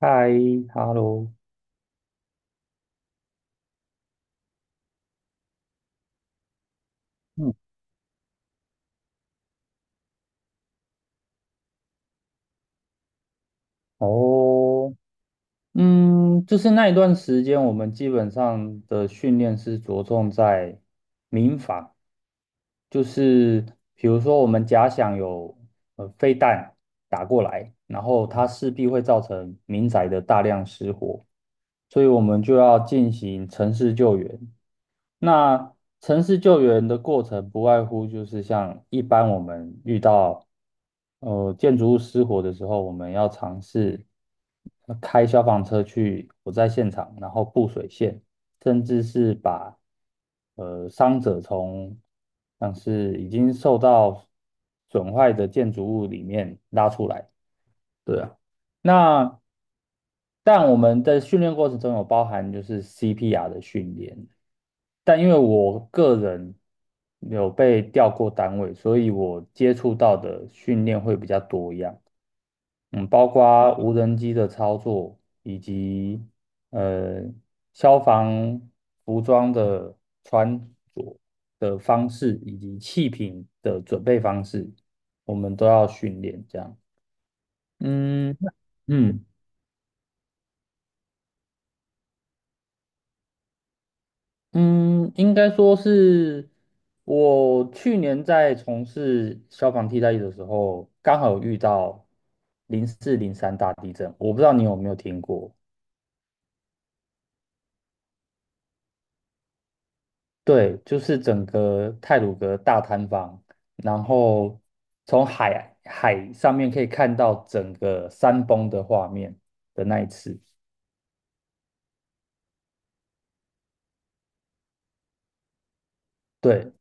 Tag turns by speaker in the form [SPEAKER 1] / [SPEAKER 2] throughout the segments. [SPEAKER 1] 嗨，hello，嗯，哦，就是那一段时间，我们基本上的训练是着重在民法。就是比如说我们假想有飞弹打过来，然后它势必会造成民宅的大量失火，所以我们就要进行城市救援。那城市救援的过程不外乎就是像一般我们遇到建筑物失火的时候，我们要尝试开消防车去火灾现场，然后布水线，甚至是把伤者从像是已经受到损坏的建筑物里面拉出来。对啊。那但我们在训练过程中有包含就是 CPR 的训练，但因为我个人有被调过单位，所以我接触到的训练会比较多样。嗯，包括无人机的操作以及呃消防服装的穿着的方式以及气瓶的准备方式，我们都要训练这样。嗯。嗯。嗯，应该说是我去年在从事消防替代役的时候，刚好有遇到0403大地震。我不知道你有没有听过？对，就是整个太鲁阁大坍方，然后从海上面可以看到整个山崩的画面的那一次。对。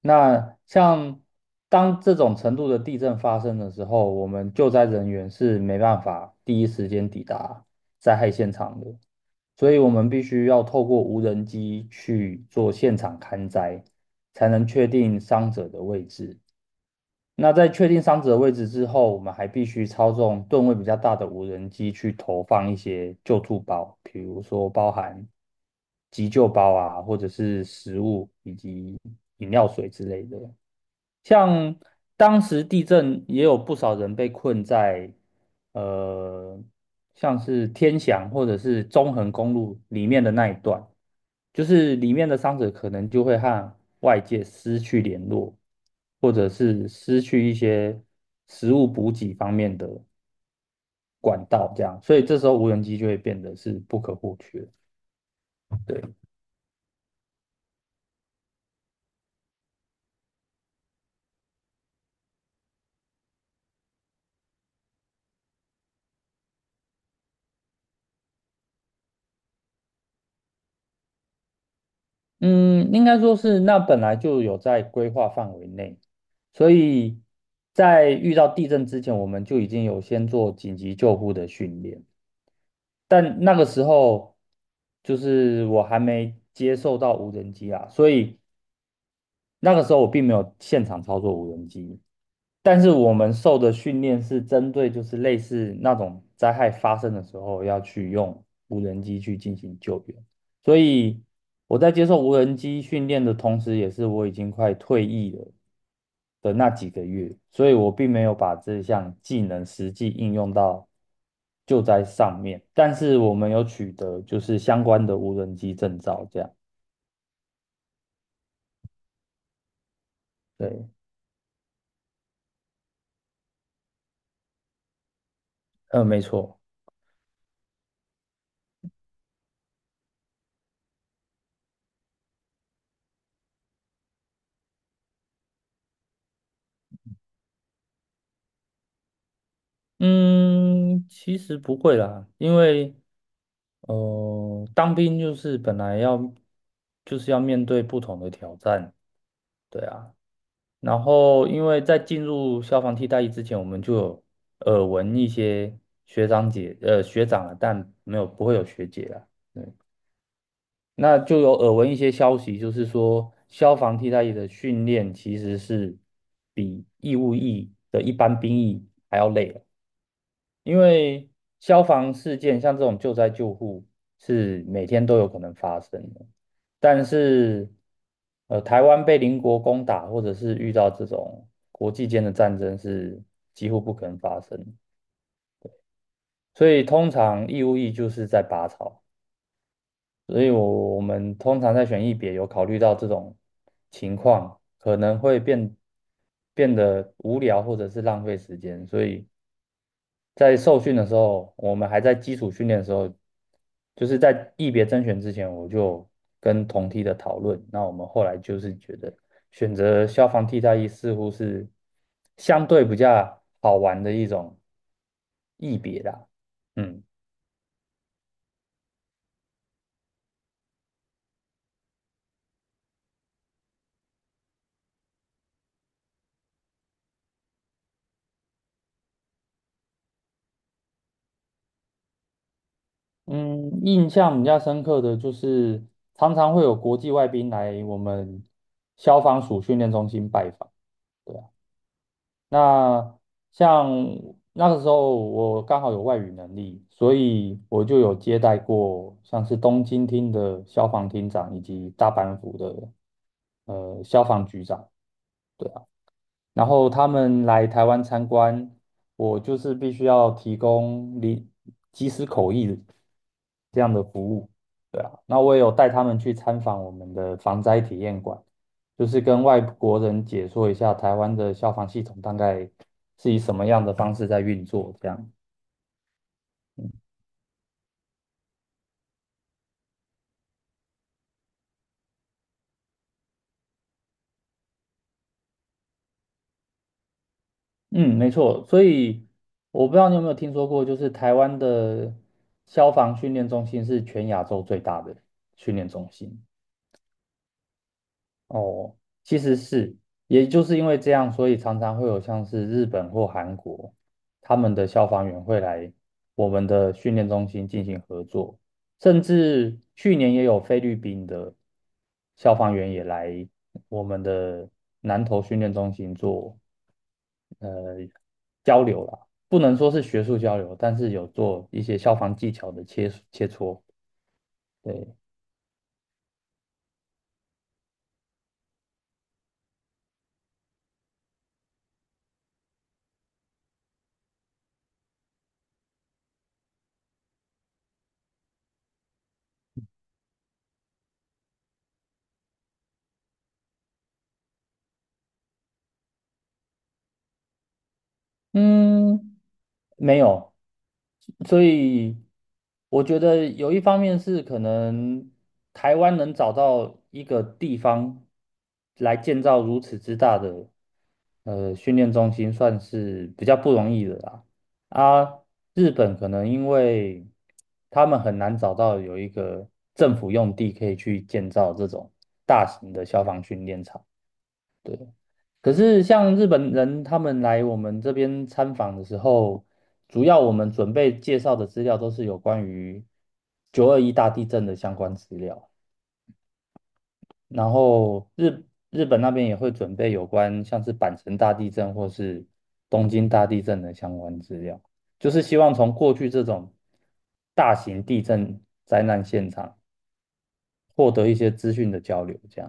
[SPEAKER 1] 那像当这种程度的地震发生的时候，我们救灾人员是没办法第一时间抵达灾害现场的，所以我们必须要透过无人机去做现场勘灾，才能确定伤者的位置。那在确定伤者的位置之后，我们还必须操纵吨位比较大的无人机去投放一些救助包，比如说包含急救包啊，或者是食物以及饮料水之类的。像当时地震也有不少人被困在呃，像是天祥或者是中横公路里面的那一段，就是里面的伤者可能就会和外界失去联络，或者是失去一些食物补给方面的管道，这样，所以这时候无人机就会变得是不可或缺。对。嗯，应该说是那本来就有在规划范围内，所以在遇到地震之前，我们就已经有先做紧急救护的训练。但那个时候，就是我还没接受到无人机啊，所以那个时候我并没有现场操作无人机，但是我们受的训练是针对就是类似那种灾害发生的时候要去用无人机去进行救援。所以我在接受无人机训练的同时，也是我已经快退役了的那几个月，所以我并没有把这项技能实际应用到救灾上面。但是我们有取得就是相关的无人机证照，这样。对。嗯，没错。嗯，其实不会啦，因为当兵就是本来要就是要面对不同的挑战，对啊。然后因为在进入消防替代役之前，我们就有耳闻一些学长姐学长啊，但没有不会有学姐啦。对。那就有耳闻一些消息，就是说消防替代役的训练其实是比义务役的一般兵役还要累。因为消防事件像这种救灾救护是每天都有可能发生的，但是台湾被邻国攻打或者是遇到这种国际间的战争是几乎不可能发生的，所以通常义务役就是在拔草，所以我们通常在选役别有考虑到这种情况可能会变得无聊或者是浪费时间，所以。在受训的时候，我们还在基础训练的时候，就是在役别甄选之前，我就跟同梯的讨论。那我们后来就是觉得，选择消防替代役似乎是相对比较好玩的一种役别啦。嗯。嗯，印象比较深刻的就是常常会有国际外宾来我们消防署训练中心拜访。对。那像那个时候我刚好有外语能力，所以我就有接待过像是东京厅的消防厅长以及大阪府的消防局长。对。啊。然后他们来台湾参观，我就是必须要提供即时口译这样的服务，对啊。那我也有带他们去参访我们的防灾体验馆，就是跟外国人解说一下台湾的消防系统大概是以什么样的方式在运作，这样。嗯，没错。所以我不知道你有没有听说过，就是台湾的消防训练中心是全亚洲最大的训练中心。哦，其实是，也就是因为这样，所以常常会有像是日本或韩国，他们的消防员会来我们的训练中心进行合作，甚至去年也有菲律宾的消防员也来我们的南投训练中心做呃交流啦，不能说是学术交流，但是有做一些消防技巧的切磋。对。嗯，没有，所以我觉得有一方面是可能台湾能找到一个地方来建造如此之大的训练中心，算是比较不容易的啦。啊，日本可能因为他们很难找到有一个政府用地可以去建造这种大型的消防训练场。可是像日本人他们来我们这边参访的时候，主要我们准备介绍的资料都是有关于921大地震的相关资料，然后日本那边也会准备有关像是阪神大地震或是东京大地震的相关资料，就是希望从过去这种大型地震灾难现场获得一些资讯的交流，这样。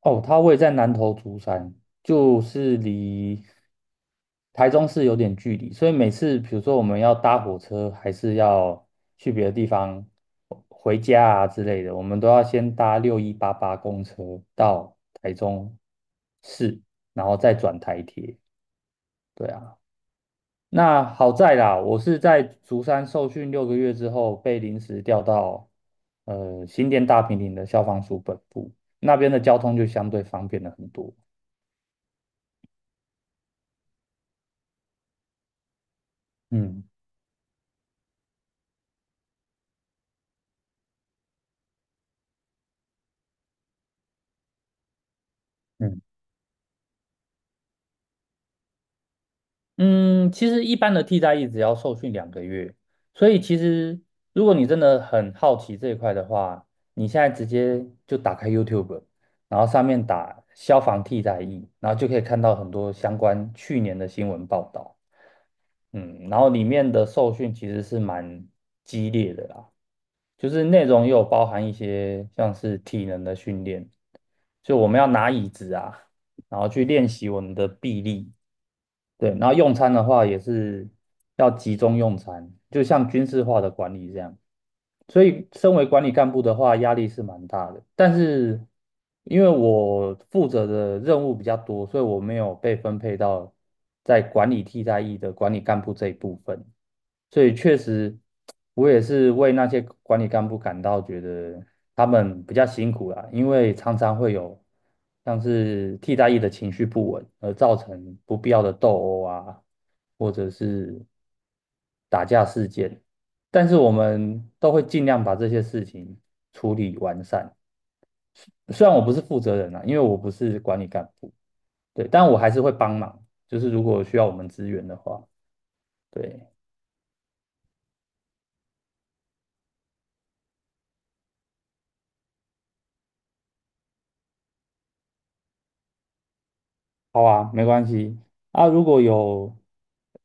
[SPEAKER 1] 哦，它位在南投竹山，就是离台中市有点距离，所以每次比如说我们要搭火车，还是要去别的地方回家啊之类的，我们都要先搭6188公车到台中市，然后再转台铁。对啊。那好在啦，我是在竹山受训6个月之后，被临时调到新店大平岭的消防署本部，那边的交通就相对方便了很多。嗯。嗯。嗯，其实一般的替代役只要受训2个月，所以其实如果你真的很好奇这一块的话，你现在直接就打开 YouTube，然后上面打消防替代役，然后就可以看到很多相关去年的新闻报道。嗯，然后里面的受训其实是蛮激烈的啦，就是内容也有包含一些像是体能的训练，就我们要拿椅子啊，然后去练习我们的臂力。对。然后用餐的话也是要集中用餐，就像军事化的管理这样。所以，身为管理干部的话，压力是蛮大的。但是，因为我负责的任务比较多，所以我没有被分配到在管理替代役的管理干部这一部分。所以确实，我也是为那些管理干部感到觉得他们比较辛苦啦，因为常常会有像是替代役的情绪不稳，而造成不必要的斗殴啊，或者是打架事件。但是我们都会尽量把这些事情处理完善。虽然我不是负责人啊，因为我不是管理干部，对，但我还是会帮忙，就是如果需要我们支援的话，对。好啊，没关系。啊，如果有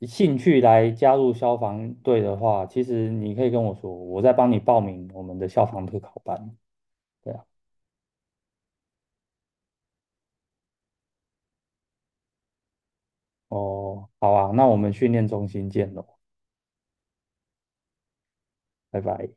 [SPEAKER 1] 兴趣来加入消防队的话，其实你可以跟我说，我再帮你报名我们的消防特考班。对啊。哦，好啊，那我们训练中心见喽，拜拜。